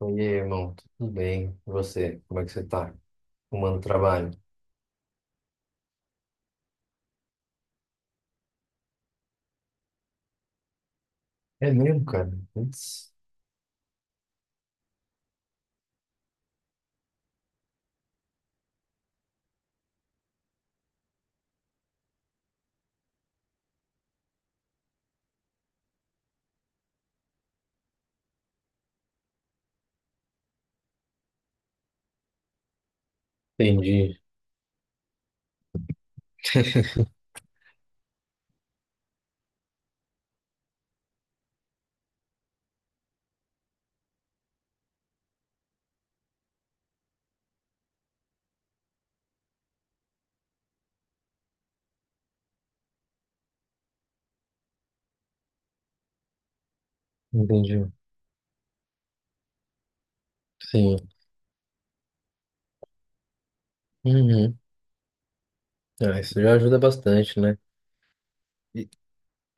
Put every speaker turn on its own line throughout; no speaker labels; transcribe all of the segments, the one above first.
E aí, irmão, tudo bem? E você? Como é que você tá? Arrumando trabalho? É mesmo, cara? Putz. Entendi. Entendi. Sim. Uhum. Ah, isso já ajuda bastante, né? E,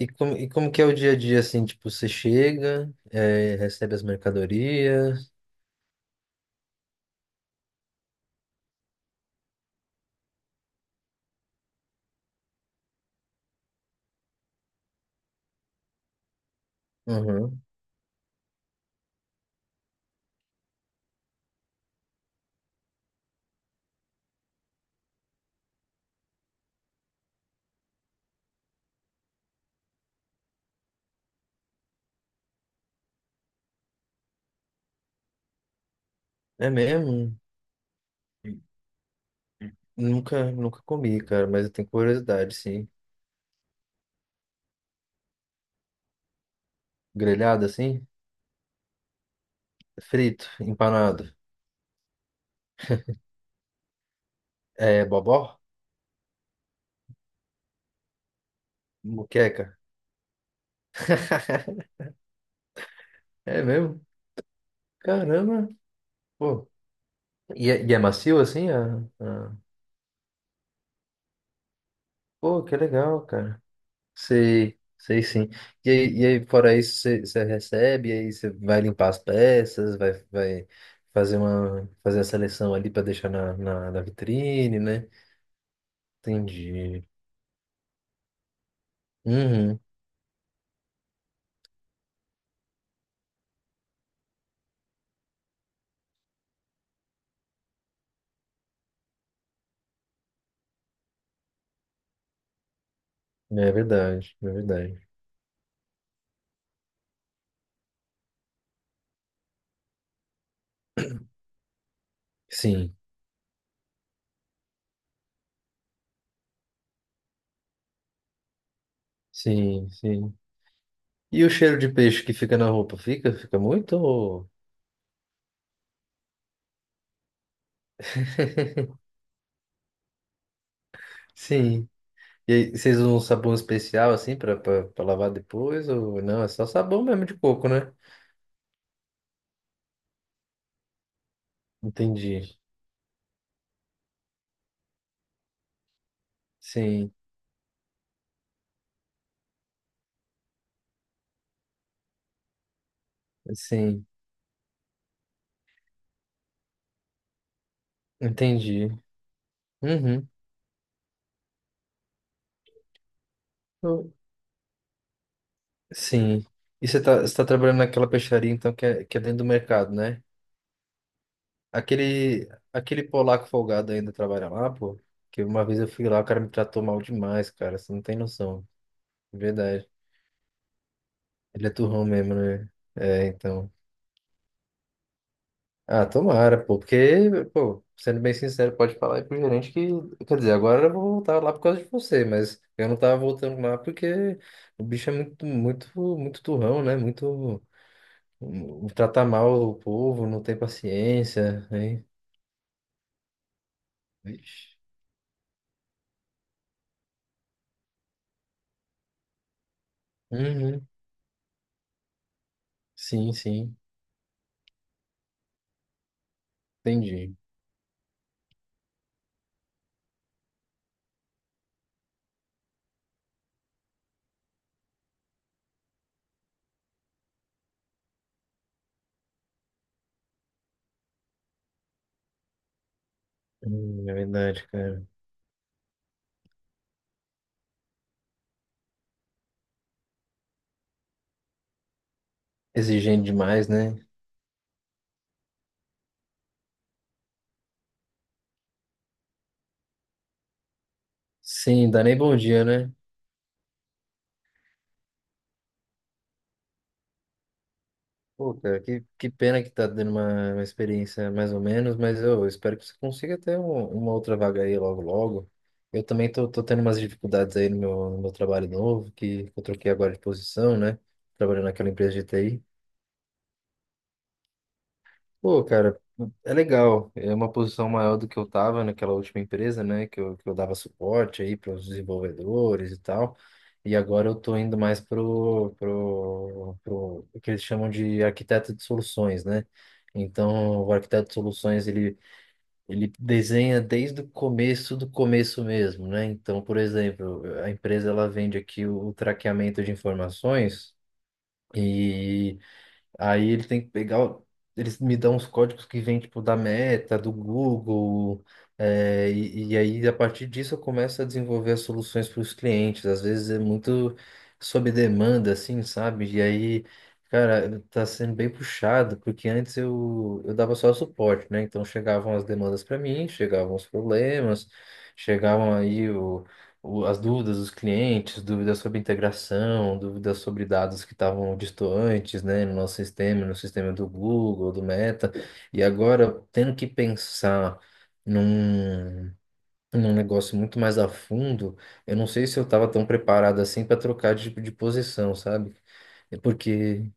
e como que é o dia a dia, assim? Tipo, você chega, recebe as mercadorias. Uhum. É mesmo? Nunca comi, cara, mas eu tenho curiosidade, sim. Grelhado, assim? Frito, empanado. É, bobó? Moqueca? É mesmo? Caramba, pô. E é macio assim? Pô, que legal, cara. Sei, sei sim. E aí fora isso, você recebe, e aí você vai limpar as peças, vai fazer fazer a seleção ali para deixar na vitrine, né? Entendi. Uhum, é verdade. Sim, sim, sim. E o cheiro de peixe que fica na roupa? Fica? Fica muito? Ou- Sim. E aí, vocês usam um sabão especial assim pra lavar depois? Ou não? É só sabão mesmo de coco, né? Entendi. Sim, sim, entendi. Uhum. Eu- Sim. Você tá trabalhando naquela peixaria então que é dentro do mercado, né? Aquele, aquele polaco folgado ainda trabalha lá, pô. Que uma vez eu fui lá, o cara me tratou mal demais, cara. Você não tem noção. Verdade. Ele é turrão mesmo, né? É, então. Ah, tomara, pô, porque, pô, sendo bem sincero, pode falar aí pro gerente que, quer dizer, agora eu vou voltar lá por causa de você, mas eu não tava voltando lá porque o bicho é muito turrão, né? Muito, um, trata mal o povo, não tem paciência, hein? Vixe. Uhum. Sim, sim, entendi. É verdade, cara. Exigente demais, né? Sim, dá nem bom dia, né? Pô, cara, que pena que tá dando uma experiência mais ou menos, mas eu espero que você consiga ter um- uma outra vaga aí logo logo. Eu também tô tendo umas dificuldades aí no meu, no meu trabalho novo, que eu troquei agora de posição, né? Trabalhando naquela empresa de TI. Pô, cara, é legal. É uma posição maior do que eu tava naquela última empresa, né? Que eu dava suporte aí para os desenvolvedores e tal. E agora eu tô indo mais o que eles chamam de arquiteto de soluções, né? Então, o arquiteto de soluções, ele desenha desde o começo do começo mesmo, né? Então, por exemplo, a empresa, ela vende aqui o traqueamento de informações. Aí ele tem que pegar. Eles me dão os códigos que vêm, tipo, da Meta, do Google. E aí, a partir disso, eu começo a desenvolver as soluções para os clientes. Às vezes é muito sob demanda, assim, sabe? E aí, cara, tá sendo bem puxado, porque antes eu dava só suporte, né? Então chegavam as demandas para mim, chegavam os problemas, chegavam aí as dúvidas dos clientes, dúvidas sobre integração, dúvidas sobre dados que estavam distantes, né, no nosso sistema, no sistema do Google, do Meta, e agora tendo que pensar num, num negócio muito mais a fundo, eu não sei se eu estava tão preparado assim para trocar de posição, sabe? É. Porque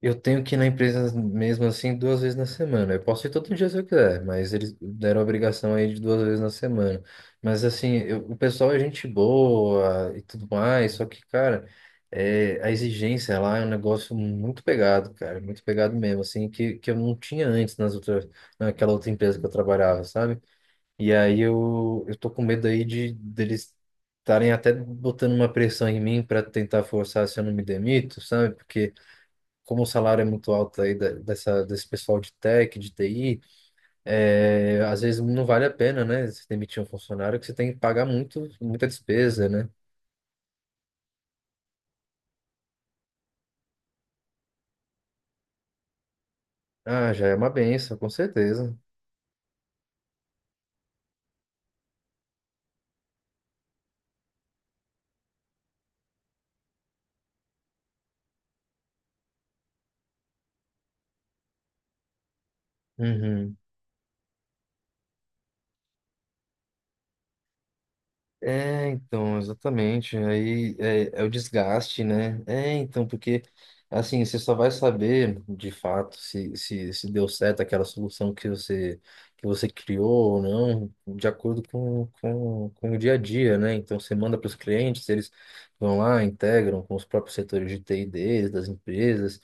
eu tenho que ir na empresa mesmo assim duas vezes na semana. Eu posso ir todo dia se eu quiser, mas eles deram a obrigação aí de duas vezes na semana. Mas assim, eu- o pessoal é gente boa e tudo mais, só que, cara, a exigência lá é um negócio muito pegado, cara, muito pegado mesmo, assim, que eu não tinha antes nas outras, naquela outra empresa que eu trabalhava, sabe? E aí eu tô com medo aí de deles estarem até botando uma pressão em mim para tentar forçar se eu não me demito, sabe? Porque como o salário é muito alto aí desse pessoal de tech, de TI, é, às vezes não vale a pena, né? Você demitir um funcionário que você tem que pagar muito, muita despesa, né? Ah, já é uma benção, com certeza. Uhum. É, então, exatamente. Aí é, é o desgaste, né? É, então, porque assim, você só vai saber de fato se, se deu certo aquela solução que você criou ou não, de acordo com o dia a dia, né? Então, você manda para os clientes, eles vão lá, integram com os próprios setores de TI deles, das empresas,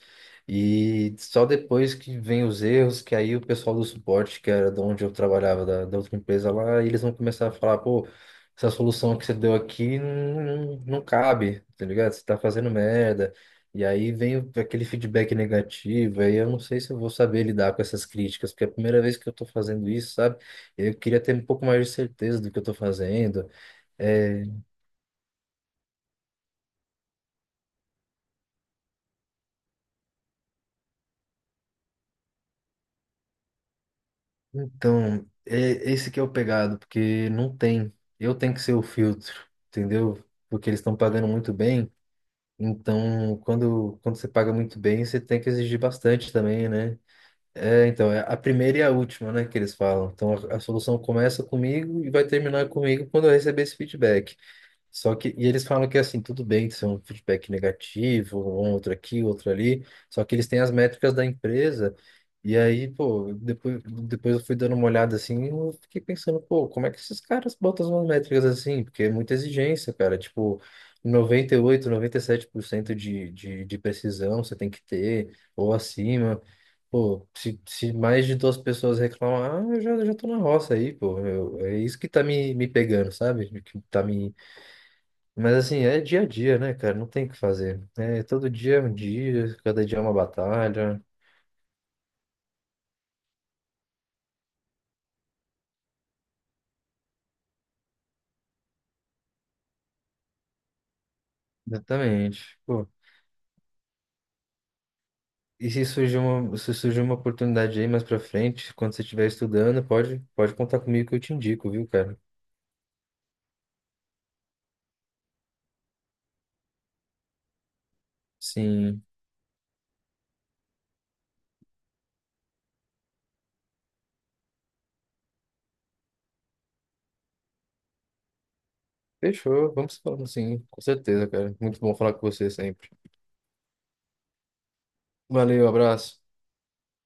e só depois que vem os erros, que aí o pessoal do suporte, que era de onde eu trabalhava, da outra empresa lá, eles vão começar a falar, pô, essa solução que você deu aqui não, não cabe, tá ligado? Você tá fazendo merda. E aí vem aquele feedback negativo, aí eu não sei se eu vou saber lidar com essas críticas, porque é a primeira vez que eu tô fazendo isso, sabe? Eu queria ter um pouco mais de certeza do que eu tô fazendo. É, então, é, esse que é o pegado, porque não tem. Eu tenho que ser o filtro, entendeu? Porque eles estão pagando muito bem. Então, quando você paga muito bem, você tem que exigir bastante também, né? É, então, é a primeira e a última, né, que eles falam. Então, a solução começa comigo e vai terminar comigo quando eu receber esse feedback. Só que, e eles falam que assim, tudo bem, isso é um feedback negativo, um outro aqui, outro ali, só que eles têm as métricas da empresa, e aí, pô, depois eu fui dando uma olhada assim, e eu fiquei pensando, pô, como é que esses caras botam umas métricas assim? Porque é muita exigência, cara, tipo, 98, 97% de precisão você tem que ter, ou acima. Pô, se mais de duas pessoas reclamar, ah, eu já tô na roça aí, pô. Eu- é isso que tá me, me pegando, sabe? Que tá me, mas assim, é dia a dia, né, cara? Não tem o que fazer, né? É, todo dia é um dia, cada dia é uma batalha. Exatamente. Pô, e se surgir uma, se surgir uma oportunidade aí mais pra frente, quando você estiver estudando, pode, pode contar comigo que eu te indico, viu, cara? Sim. Fechou. Vamos falando, sim. Com certeza, cara. Muito bom falar com você sempre. Valeu, abraço.